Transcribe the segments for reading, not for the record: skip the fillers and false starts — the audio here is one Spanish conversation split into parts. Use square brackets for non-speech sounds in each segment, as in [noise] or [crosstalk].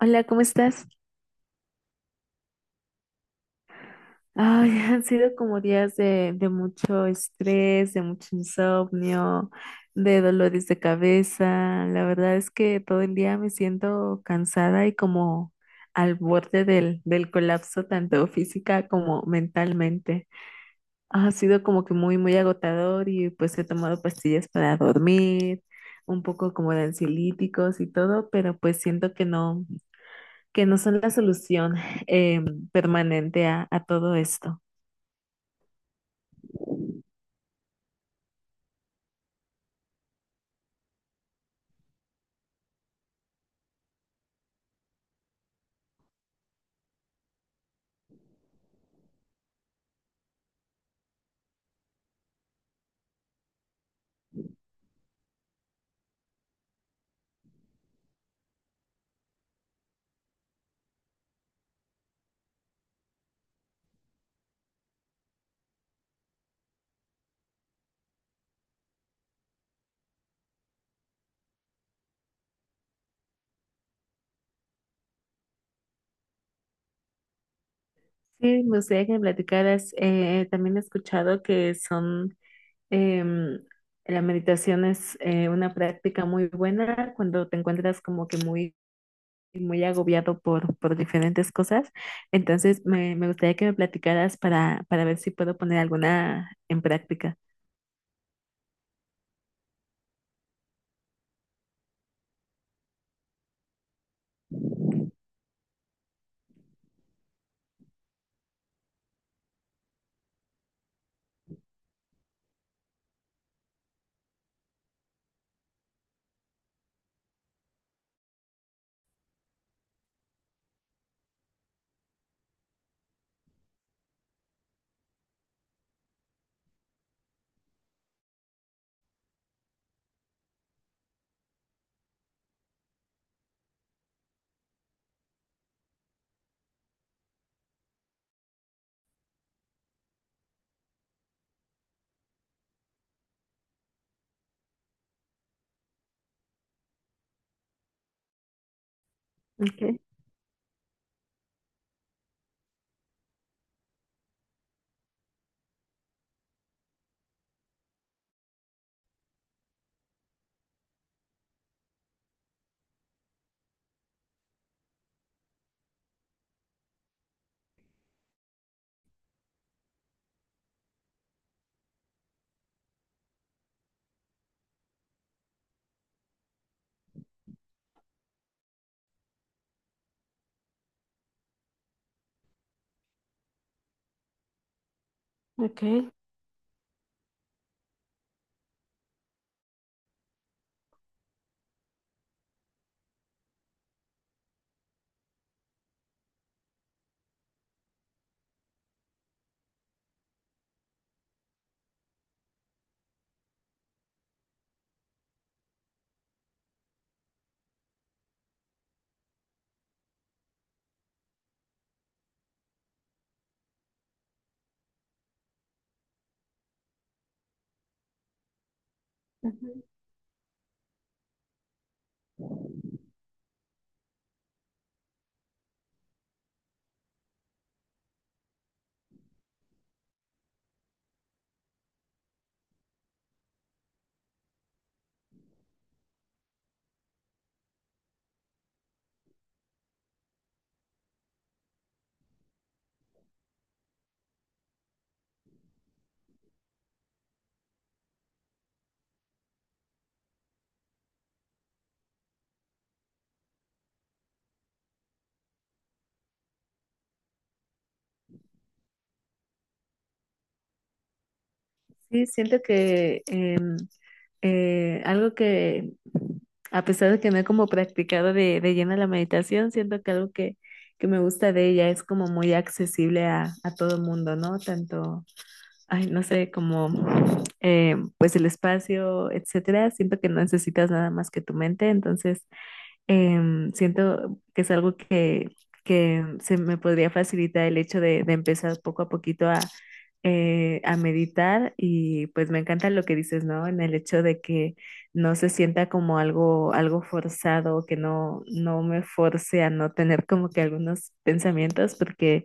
Hola, ¿cómo estás? Ay, [laughs] han sido como días de mucho estrés, de mucho insomnio, de dolores de cabeza. La verdad es que todo el día me siento cansada y como al borde del colapso, tanto física como mentalmente. Ha sido como que muy, muy agotador y pues he tomado pastillas para dormir, un poco como de ansiolíticos y todo, pero pues siento que no, que no son la solución eh, permanente a todo esto. Sí, me gustaría que me platicaras. También he escuchado que son em, la meditación es una práctica muy buena cuando te encuentras como que muy, muy agobiado por diferentes cosas. Entonces, me gustaría que me platicaras para ver si puedo poner alguna en práctica. Okay, okay. Ujú. Sí, siento que algo que, a pesar de que no he como practicado de lleno la meditación, siento que algo que me gusta de ella es como muy accesible a todo el mundo, ¿no? Tanto, ay, no sé, como pues el espacio, etcétera. Siento que no necesitas nada más que tu mente, entonces siento que es algo que se me podría facilitar el hecho de empezar poco a poquito a meditar y pues me encanta lo que dices, ¿no? En el hecho de que no se sienta como algo, algo forzado, que no, no me force a no tener como que algunos pensamientos, porque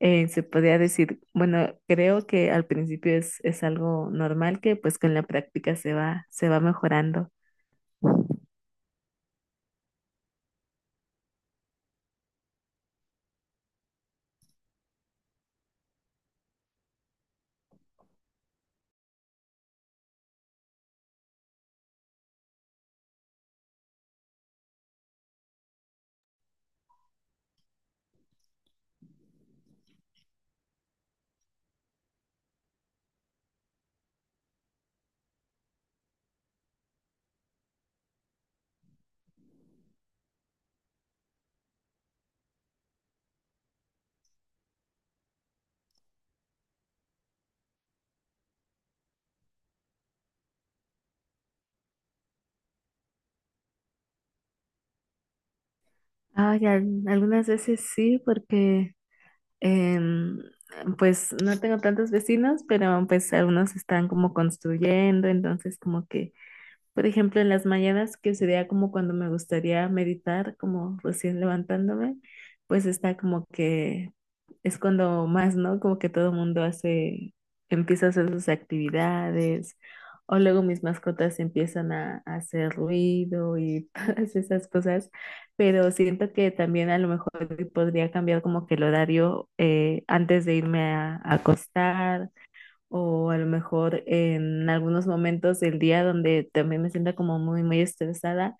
se podría decir, bueno, creo que al principio es algo normal que pues con la práctica se va mejorando. Ay, al- algunas veces sí, porque em, pues no tengo tantos vecinos, pero pues algunos están como construyendo, entonces como que por ejemplo, en las mañanas, que sería como cuando me gustaría meditar, como recién levantándome, pues está como que es cuando más, ¿no? Como que todo el mundo hace, empieza a hacer sus actividades, o luego mis mascotas empiezan a hacer ruido y [laughs] todas esas cosas, pero siento que también a lo mejor podría cambiar como que el horario antes de irme a acostar o a lo mejor en algunos momentos del día donde también me sienta como muy, muy estresada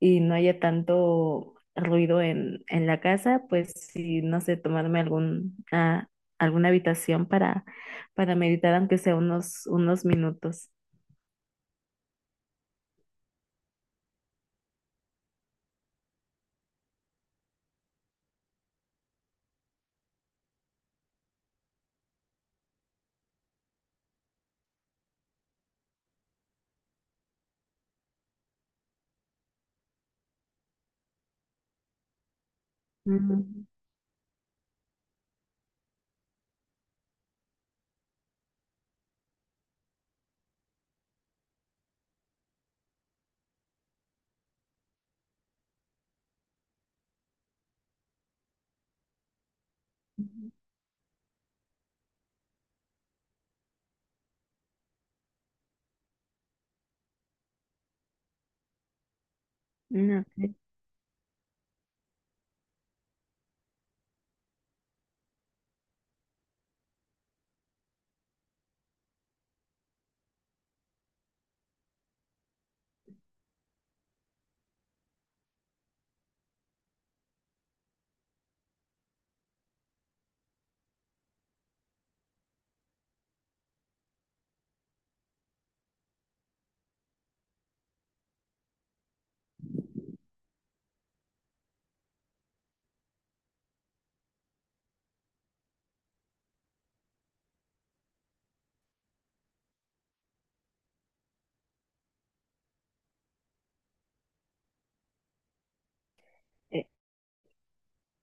y no haya tanto ruido en la casa, pues sí, no sé, tomarme algún, ah, alguna habitación para meditar, aunque sea unos, unos minutos. Ujú. Mm, ok.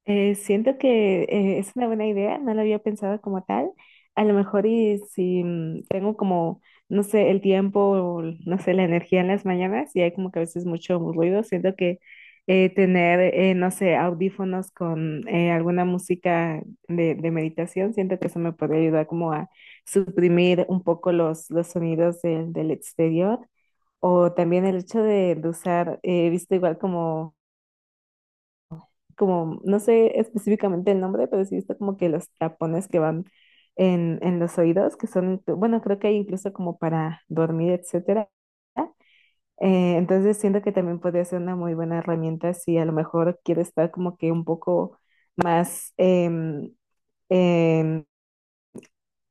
Siento que es una buena idea, no lo había pensado como tal. A lo mejor y si mm, tengo como, no sé, el tiempo, o, no sé, la energía en las mañanas y hay como que a veces mucho ruido, siento que tener, no sé, audífonos con alguna música de meditación, siento que eso me podría ayudar como a suprimir un poco los sonidos del exterior. O también el hecho de usar, he visto igual como no sé específicamente el nombre, pero sí he visto como que los tapones que van en los oídos, que son, inclu- bueno, creo que hay incluso como para dormir, etcétera. Entonces siento que también podría ser una muy buena herramienta si a lo mejor quiero estar como que un poco más em,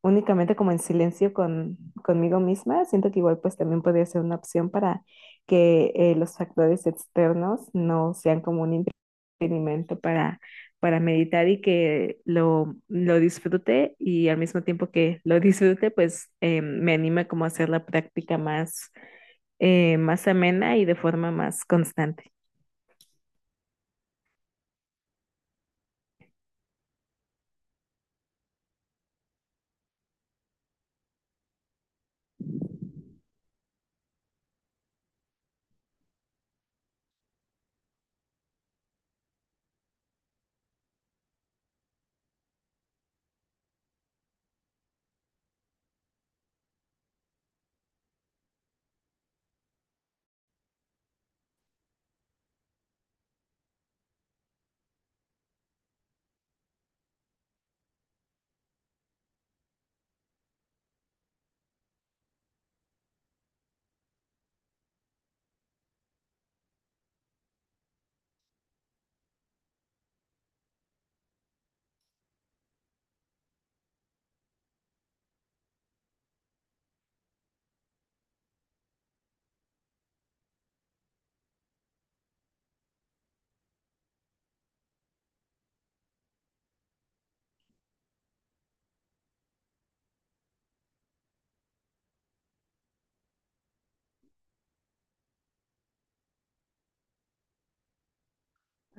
únicamente como en silencio conmigo misma. Siento que igual pues también podría ser una opción para que los factores externos no sean como un experimento para meditar y que lo disfrute y al mismo tiempo que lo disfrute, pues me anima como a hacer la práctica más, más amena y de forma más constante.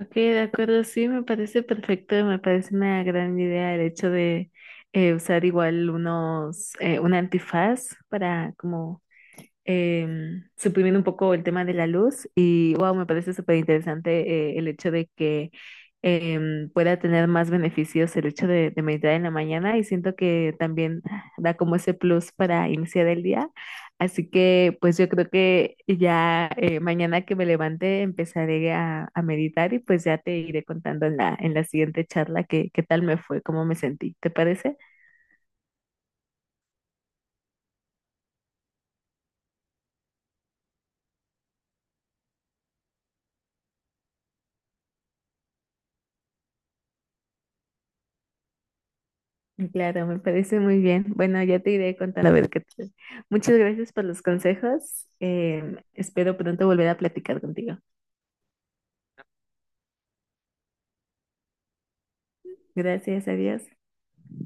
Ok, de acuerdo, sí, me parece perfecto, me parece una gran idea el hecho de usar igual unos, un antifaz para como suprimiendo un poco el tema de la luz y wow, me parece súper interesante el hecho de que pueda tener más beneficios el hecho de meditar en la mañana y siento que también da como ese plus para iniciar el día. Así que pues yo creo que ya mañana que me levante empezaré a meditar y pues ya te iré contando en en la siguiente charla qué, qué tal me fue, cómo me sentí. ¿Te parece? Mm, claro, me parece muy bien. Bueno, ya te iré contando a ver qué tal. Muchas gracias por los consejos. Espero pronto volver a platicar contigo. Gracias, adiós.